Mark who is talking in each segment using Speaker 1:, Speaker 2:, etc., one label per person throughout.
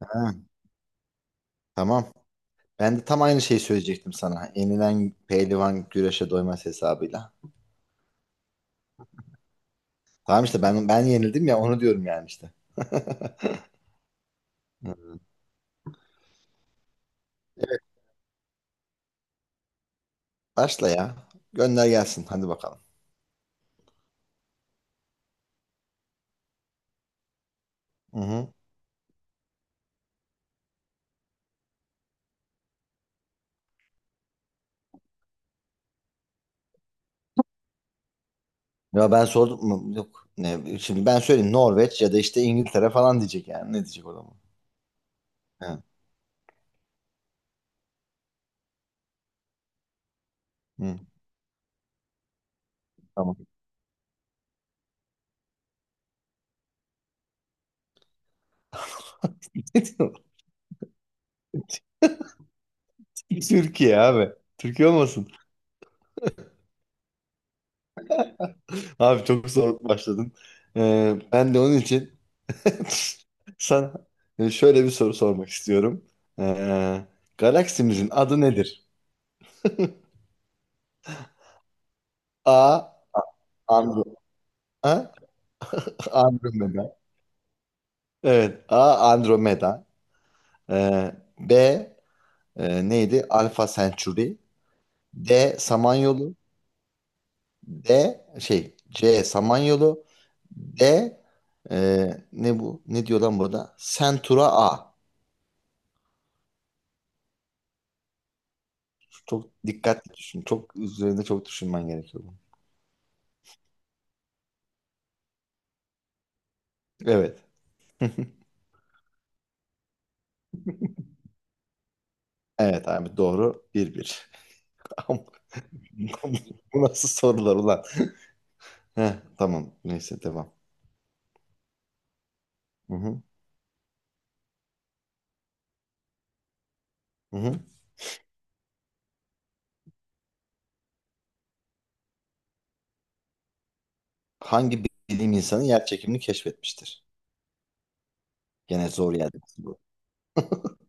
Speaker 1: Ha, tamam. Ben de tam aynı şeyi söyleyecektim sana. Yenilen pehlivan güreşe doymaz hesabıyla. Tamam işte ben yenildim ya onu diyorum yani işte. Hı. Evet, başla ya. Gönder gelsin hadi bakalım. Hı hı. Ya ben sordum mu? Yok. Ne, şimdi ben söyleyeyim Norveç ya da işte İngiltere falan diyecek yani. Ne diyecek o zaman? Ha, hı, tamam. Türkiye abi. Türkiye olmasın. Abi çok soğuk başladın. Ben de onun için sana şöyle bir soru sormak istiyorum. Ee, Galaksimizin adı nedir? A. Andro A. Andromeda. Evet. A. Andromeda. Ee, B. Neydi? Alpha Centauri. D. Samanyolu. D. Şey. C. Samanyolu. D. Ne bu? Ne diyor lan burada? Centaur A. Çok dikkatli düşün. Çok üzerinde çok düşünmen gerekiyor bunun. Evet. Evet abi doğru. Bir bir. Ama bu nasıl sorular ulan? Heh, tamam. Neyse devam. Hı hı. Hı hı. Hangi bilim insanı yer çekimini keşfetmiştir? Gene zor yerde bu.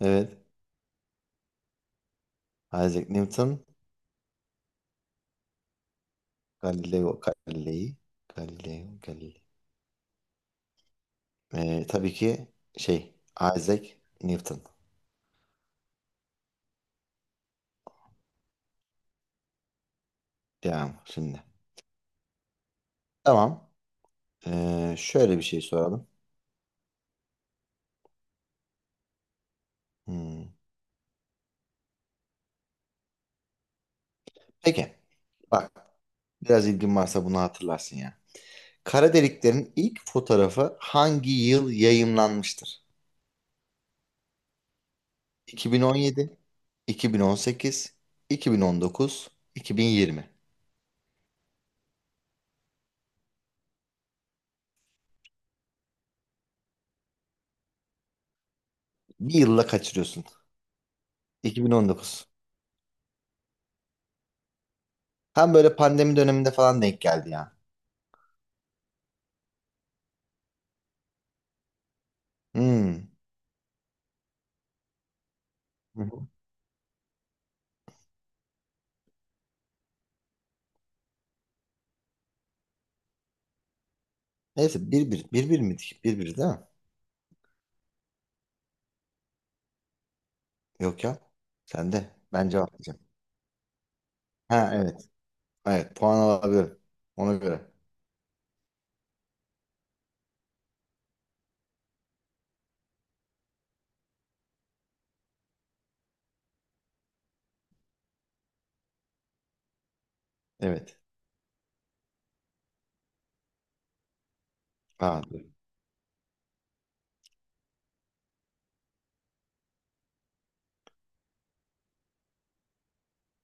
Speaker 1: Evet. Isaac Newton, Galileo Galilei, Galileo Galilei. Tabii ki şey Isaac Newton. Devam şimdi. Tamam. Şöyle bir şey soralım. Hmm. Peki. Bak, biraz ilgin varsa bunu hatırlarsın ya. Kara deliklerin ilk fotoğrafı hangi yıl yayımlanmıştır? 2017, 2018, 2019, 2020. Bir yılla kaçırıyorsun. 2019. Tam böyle pandemi döneminde falan denk geldi ya. Hmm. Hı hı. Neyse bir bir. Bir bir miydik? Bir bir değil mi? Yok ya. Sen de. Ben cevaplayacağım. Ha, evet. Evet. Puan alabilirim. Ona göre. Evet. Ha, dur.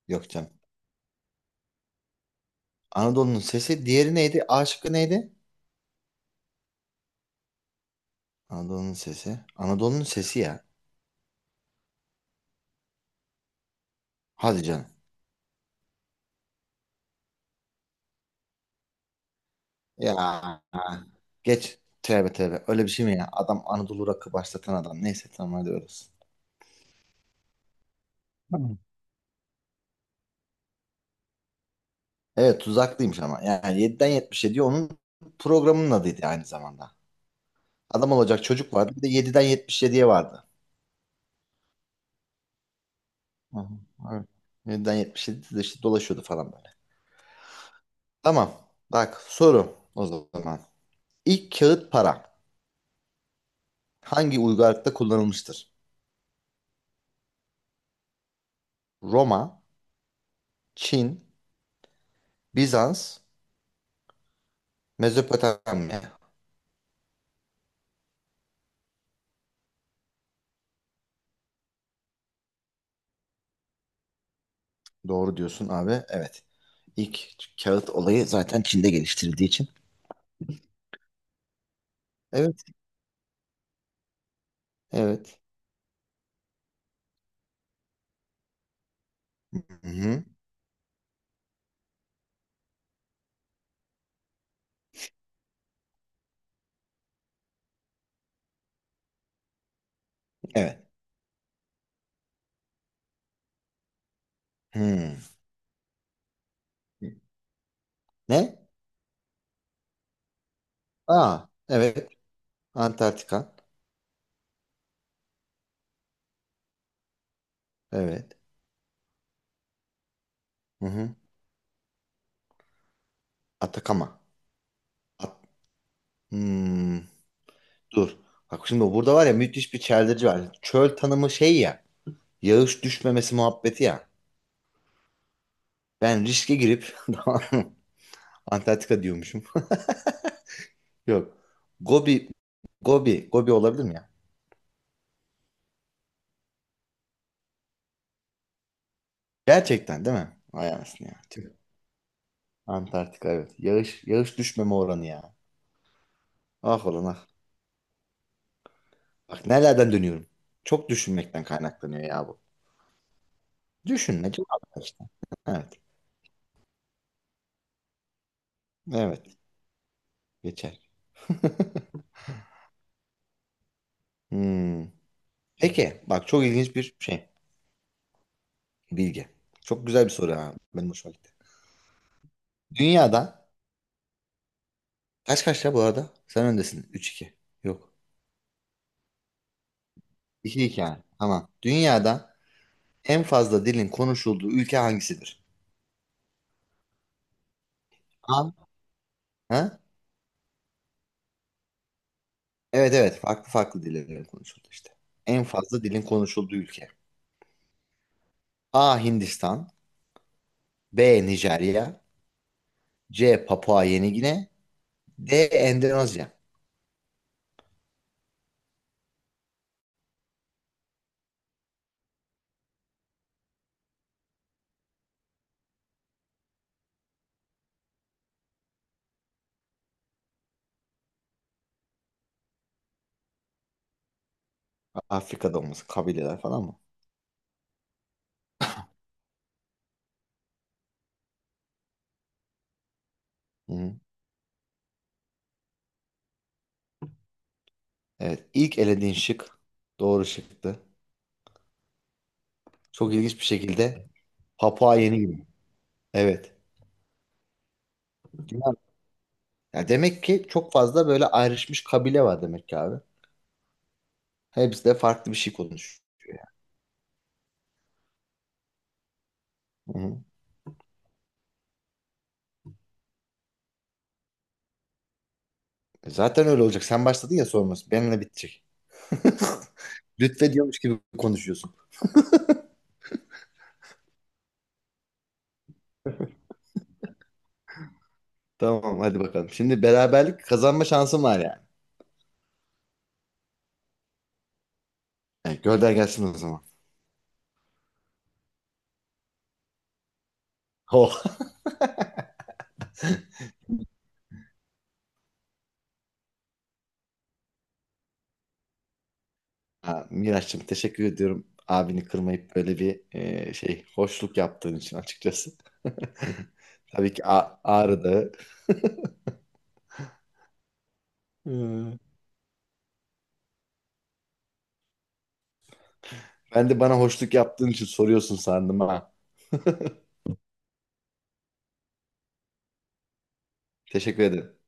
Speaker 1: Yok canım. Anadolu'nun sesi. Diğeri neydi? A şıkkı neydi? Anadolu'nun sesi. Anadolu'nun sesi ya. Hadi canım. Ya. Geç. Tövbe tövbe. Öyle bir şey mi ya? Adam Anadolu rakı başlatan adam. Neyse tamam hadi orası. Tamam. Evet, tuzaklıymış ama. Yani yediden yetmiş 77'ye onun programının adıydı aynı zamanda. Adam olacak çocuk vardı. Bir de yediden yetmiş yediye vardı. Hı hı, evet. 7'den 77'de işte dolaşıyordu falan böyle. Tamam. Bak soru o zaman. İlk kağıt para hangi uygarlıkta kullanılmıştır? Roma, Çin, Bizans, Mezopotamya. Doğru diyorsun abi. Evet. İlk kağıt olayı zaten Çin'de geliştirildiği için. Evet. Evet. Hı-hı. Evet. Hı. Ne? Aa, evet. Antarktika. Evet. Hı-hı. Atakama. At- Hmm, Dur. Bak şimdi burada var ya müthiş bir çeldirici var. Çöl tanımı şey ya. Yağış düşmemesi muhabbeti ya. Ben riske girip Antarktika diyormuşum. Yok. Gobi, Gobi, Gobi olabilir mi ya? Gerçekten değil mi? Vay anasını ya. Tüh. Antarktika evet. Yağış, yağış düşmeme oranı ya. Ah olan ah. Bak nelerden dönüyorum. Çok düşünmekten kaynaklanıyor ya bu. Düşünme cevap ver işte. Evet. Evet. Geçer. Hmm. Peki bak çok ilginç bir şey. Bilgi. Çok güzel bir soru ha. Benim hoşuma gitti. Dünyada kaç kaç ya bu arada? Sen öndesin. Üç iki. Yok. İki iki yani. Tamam. Dünyada en fazla dilin konuşulduğu ülke hangisidir? A. Ha? Evet, evet, farklı farklı dillerin konuşuldu işte. En fazla dilin konuşulduğu ülke. A. Hindistan. B. Nijerya. C. Papua Yeni Gine. D. Endonezya. Afrika'da olması kabileler falan mı? Hı-hı. Evet, ilk elediğin şık doğru şıktı. Çok ilginç bir şekilde Papua Yeni Gine. Evet. Dünya- Ya demek ki çok fazla böyle ayrışmış kabile var demek ki abi. Hepsi de farklı bir şey konuşuyor yani. Hı hı. E zaten öyle olacak. Sen başladın ya sorması. Benimle bitecek. Lütfediyormuş gibi konuşuyorsun. Tamam hadi bakalım. Şimdi beraberlik kazanma şansım var yani. Yani gönder gelsin o zaman. Oh. Ha, Miraç'cığım teşekkür ediyorum. Abini kırmayıp böyle bir şey hoşluk yaptığın için açıkçası. Tabii ki Ağrı Dağı. Hmm. Ben de bana hoşluk yaptığın için soruyorsun sandım ha. Teşekkür ederim.